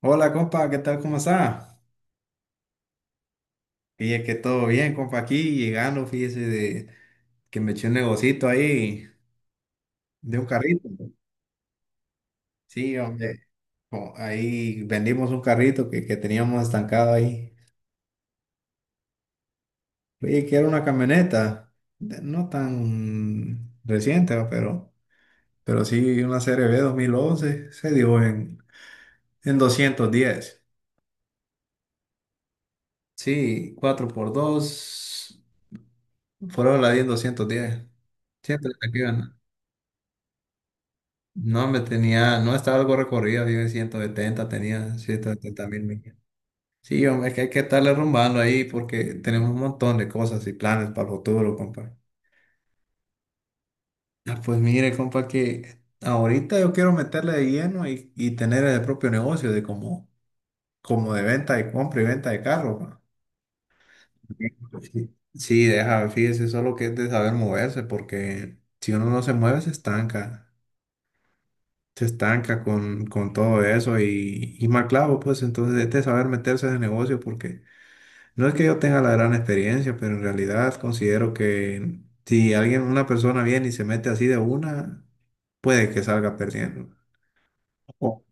Hola, compa, ¿qué tal? ¿Cómo está? Fíjese que todo bien, compa, aquí llegando, fíjese de que me eché un negocito ahí de un carrito. Sí, hombre, ahí vendimos un carrito que teníamos estancado ahí. Oye, que era una camioneta, no tan reciente, ¿va? Pero sí una Serie B 2011, se dio en 210. Sí, cuatro por dos, fueron la 10 en 210. Siempre te quedan. No, me tenía, no estaba algo recorrido, yo en 170, tenía 170,000 millas. Sí, hombre, es que hay que estarle rumbando ahí porque tenemos un montón de cosas y planes para el futuro, compa. Ah, pues mire, compa, que ahorita yo quiero meterle de lleno y tener el propio negocio de como de venta de compra y venta de carro. Pa. Sí, sí, deja, fíjese, solo que es de saber moverse porque si uno no se mueve se estanca. Se estanca con todo eso y mal clavo, pues entonces es de saber meterse en el negocio porque no es que yo tenga la gran experiencia, pero en realidad considero que si alguien, una persona viene y se mete así de una, puede que salga perdiendo. Oh,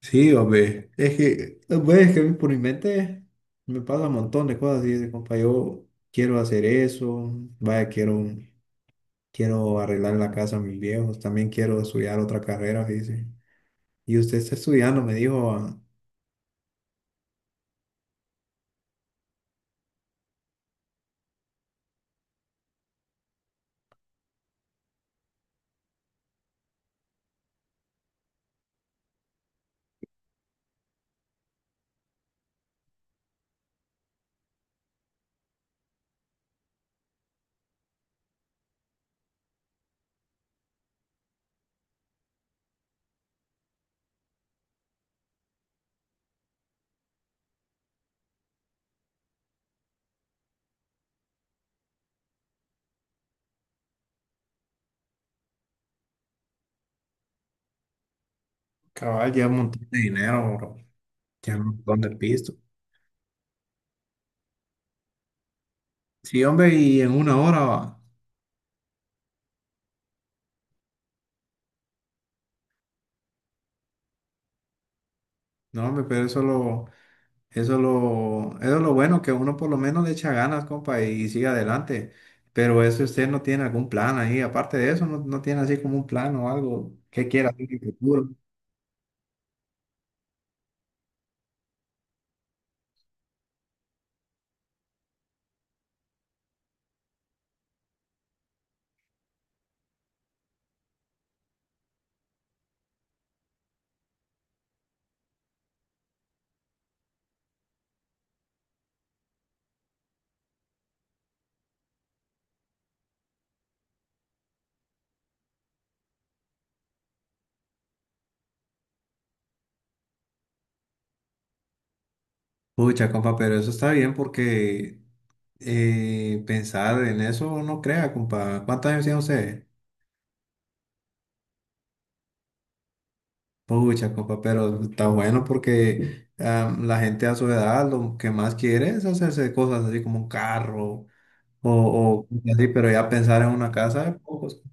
sí, hombre, es que a mí por mi mente me pasa un montón de cosas y dice, compa, yo quiero hacer eso, vaya, quiero arreglar la casa a mis viejos, también quiero estudiar otra carrera, dice. Y usted está estudiando, me dijo. Cabal, lleva un montón de dinero, bro. Lleva un montón de pisto. Sí, hombre, y en una hora va. No, hombre, pero eso es lo bueno, que uno por lo menos le echa ganas, compa, y sigue adelante. Pero eso si usted no tiene algún plan ahí. Aparte de eso, no tiene así como un plan o algo que quiera hacer en el futuro. Pucha, compa, pero eso está bien porque pensar en eso no crea, compa. ¿Cuántos años tiene usted? Pucha, compa, pero está bueno porque la gente a su edad lo que más quiere es hacerse cosas así como un carro o cosas así, pero ya pensar en una casa, pocos.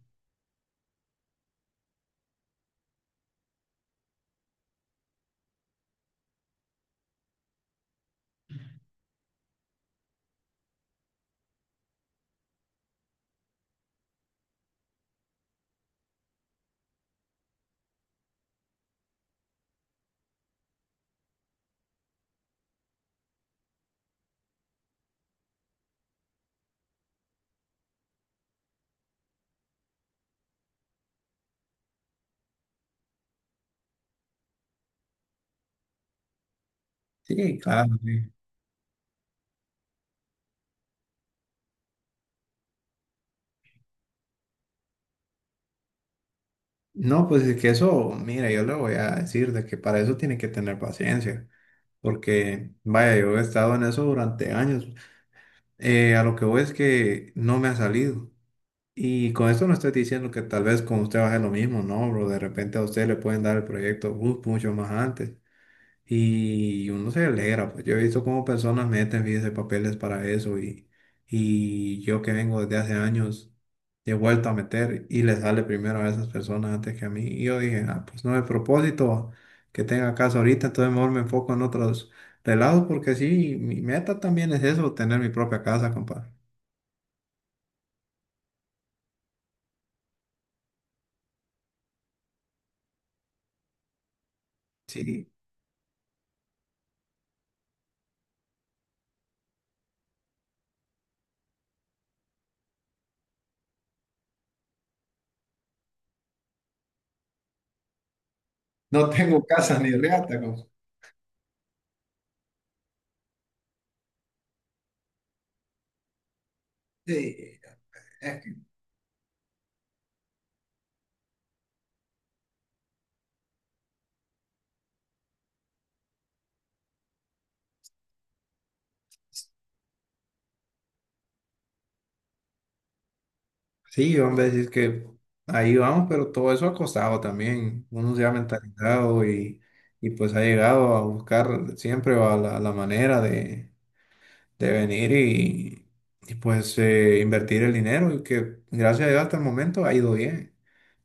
Sí, claro, sí. No, pues es que eso, mira, yo le voy a decir de que para eso tiene que tener paciencia, porque vaya, yo he estado en eso durante años. A lo que voy es que no me ha salido. Y con esto no estoy diciendo que tal vez con usted va a ser lo mismo, no, bro. De repente a usted le pueden dar el proyecto mucho más antes. Y uno se alegra, pues yo he visto cómo personas meten vidas de papeles para eso y yo que vengo desde hace años he vuelto a meter y le sale primero a esas personas antes que a mí. Y yo dije, ah, pues no es propósito que tenga caso ahorita, entonces mejor me enfoco en otros relados porque sí, mi meta también es eso, tener mi propia casa, compadre. Sí, no tengo casa ni reata, compadre. Sí, es Sí, hombre, decir que ahí vamos, pero todo eso ha costado también. Uno se ha mentalizado y pues ha llegado a buscar siempre a la manera de venir y, pues invertir el dinero y que gracias a Dios hasta el momento ha ido bien.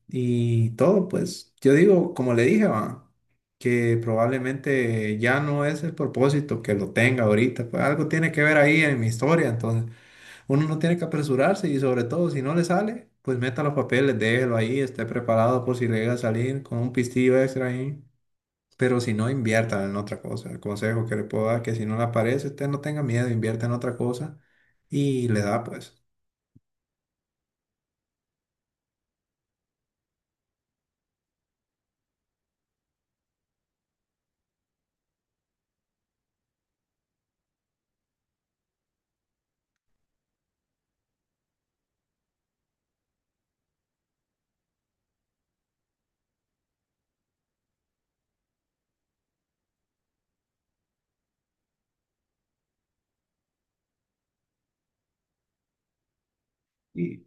Y todo, pues yo digo, como le dije, va, que probablemente ya no es el propósito que lo tenga ahorita, pues algo tiene que ver ahí en mi historia, entonces. Uno no tiene que apresurarse y sobre todo si no le sale, pues meta los papeles, déjelo ahí, esté preparado por si le llega a salir con un pistillo extra ahí. Pero si no, invierta en otra cosa. El consejo que le puedo dar, que si no le aparece, usted no tenga miedo, invierta en otra cosa y le da pues. Y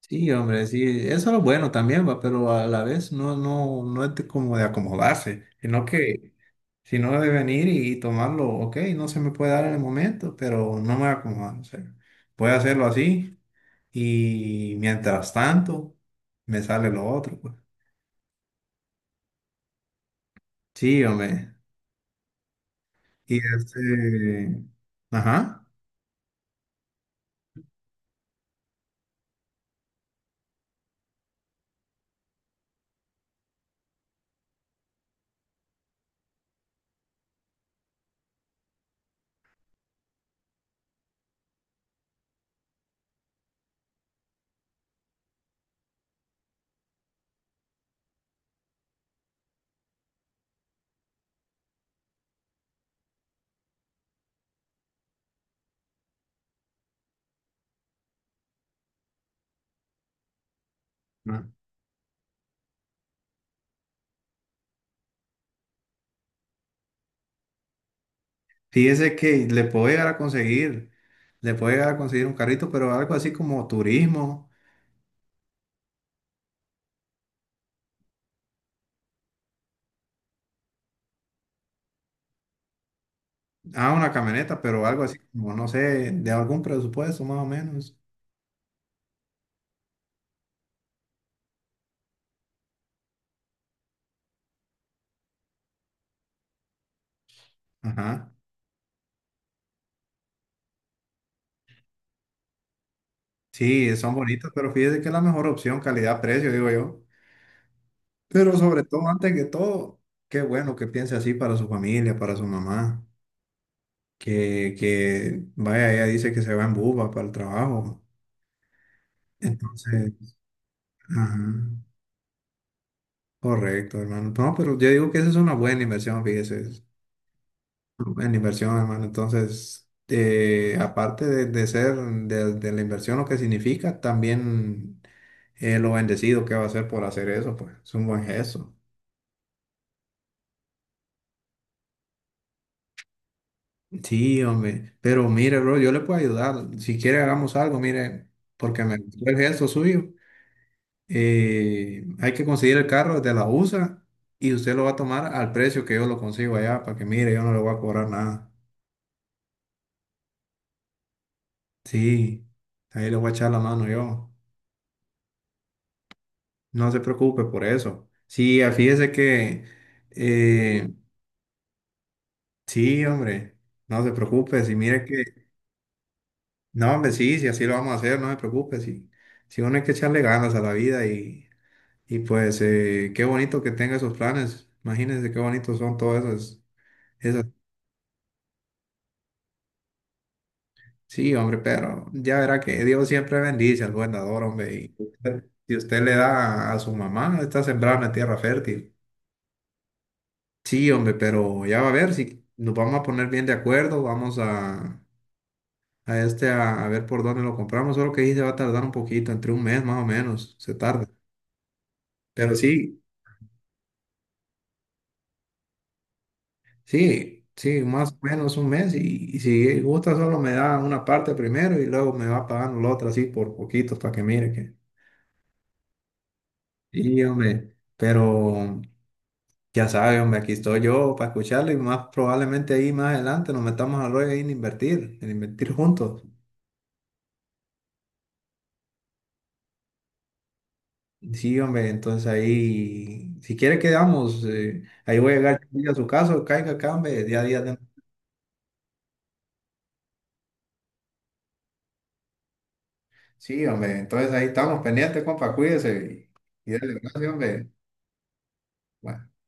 sí, hombre, sí, eso es lo bueno también, va, pero a la vez no, no, no es de como de acomodarse, sino que si no de venir y tomarlo, ok, no se me puede dar en el momento, pero no me voy a acomodar, o sea, voy a hacerlo así. Y mientras tanto, me sale lo otro, pues. Sí, hombre. Y este, ajá. ¿No? Fíjese que le puedo llegar a conseguir un carrito, pero algo así como turismo. Ah, una camioneta, pero algo así como, no sé, de algún presupuesto más o menos. Ajá. Sí, son bonitas, pero fíjese que es la mejor opción, calidad-precio, digo yo. Pero sobre todo, antes que todo, qué bueno que piense así para su familia, para su mamá. Que, vaya, ella dice que se va en buba para el trabajo. Entonces, ajá, correcto, hermano. No, pero yo digo que esa es una buena inversión, fíjese. Es una buena inversión, hermano. Entonces, aparte de ser de la inversión lo que significa, también, lo bendecido que va a ser por hacer eso, pues es un buen gesto. Sí, hombre, pero mire, bro, yo le puedo ayudar. Si quiere, hagamos algo, mire, porque me gustó el gesto suyo. Hay que conseguir el carro desde la USA y usted lo va a tomar al precio que yo lo consigo allá, para que mire, yo no le voy a cobrar nada. Sí, ahí le voy a echar la mano yo. No se preocupe por eso. Sí, ah, fíjese que, eh, sí, hombre, no se preocupe, si mire que, no, hombre, sí, si así lo vamos a hacer, no se preocupe, sí. Si uno hay que echarle ganas a la vida y pues qué bonito que tenga esos planes. Imagínense qué bonitos son todos esos esas. Sí, hombre, pero ya verá que Dios siempre bendice al buen dador, hombre. Si usted le da a su mamá, está sembrada en la tierra fértil. Sí, hombre, pero ya va a ver si nos vamos a poner bien de acuerdo. Vamos a ver por dónde lo compramos. Solo que ahí se va a tardar un poquito, entre un mes más o menos, se tarda. Pero sí, sí, sí, más o menos un mes. Y si gusta, solo me da una parte primero y luego me va pagando la otra así por poquitos para que mire que. Sí, hombre, pero. Ya saben hombre, aquí estoy yo para escucharlo y más probablemente ahí más adelante nos metamos al rollo ahí en invertir juntos. Sí, hombre, entonces ahí, si quiere quedamos, ahí voy a llegar yo a su casa caiga acá, hombre, día a día. Sí, hombre, entonces ahí estamos pendientes, compa, cuídese y dale gracias, hombre. Bueno.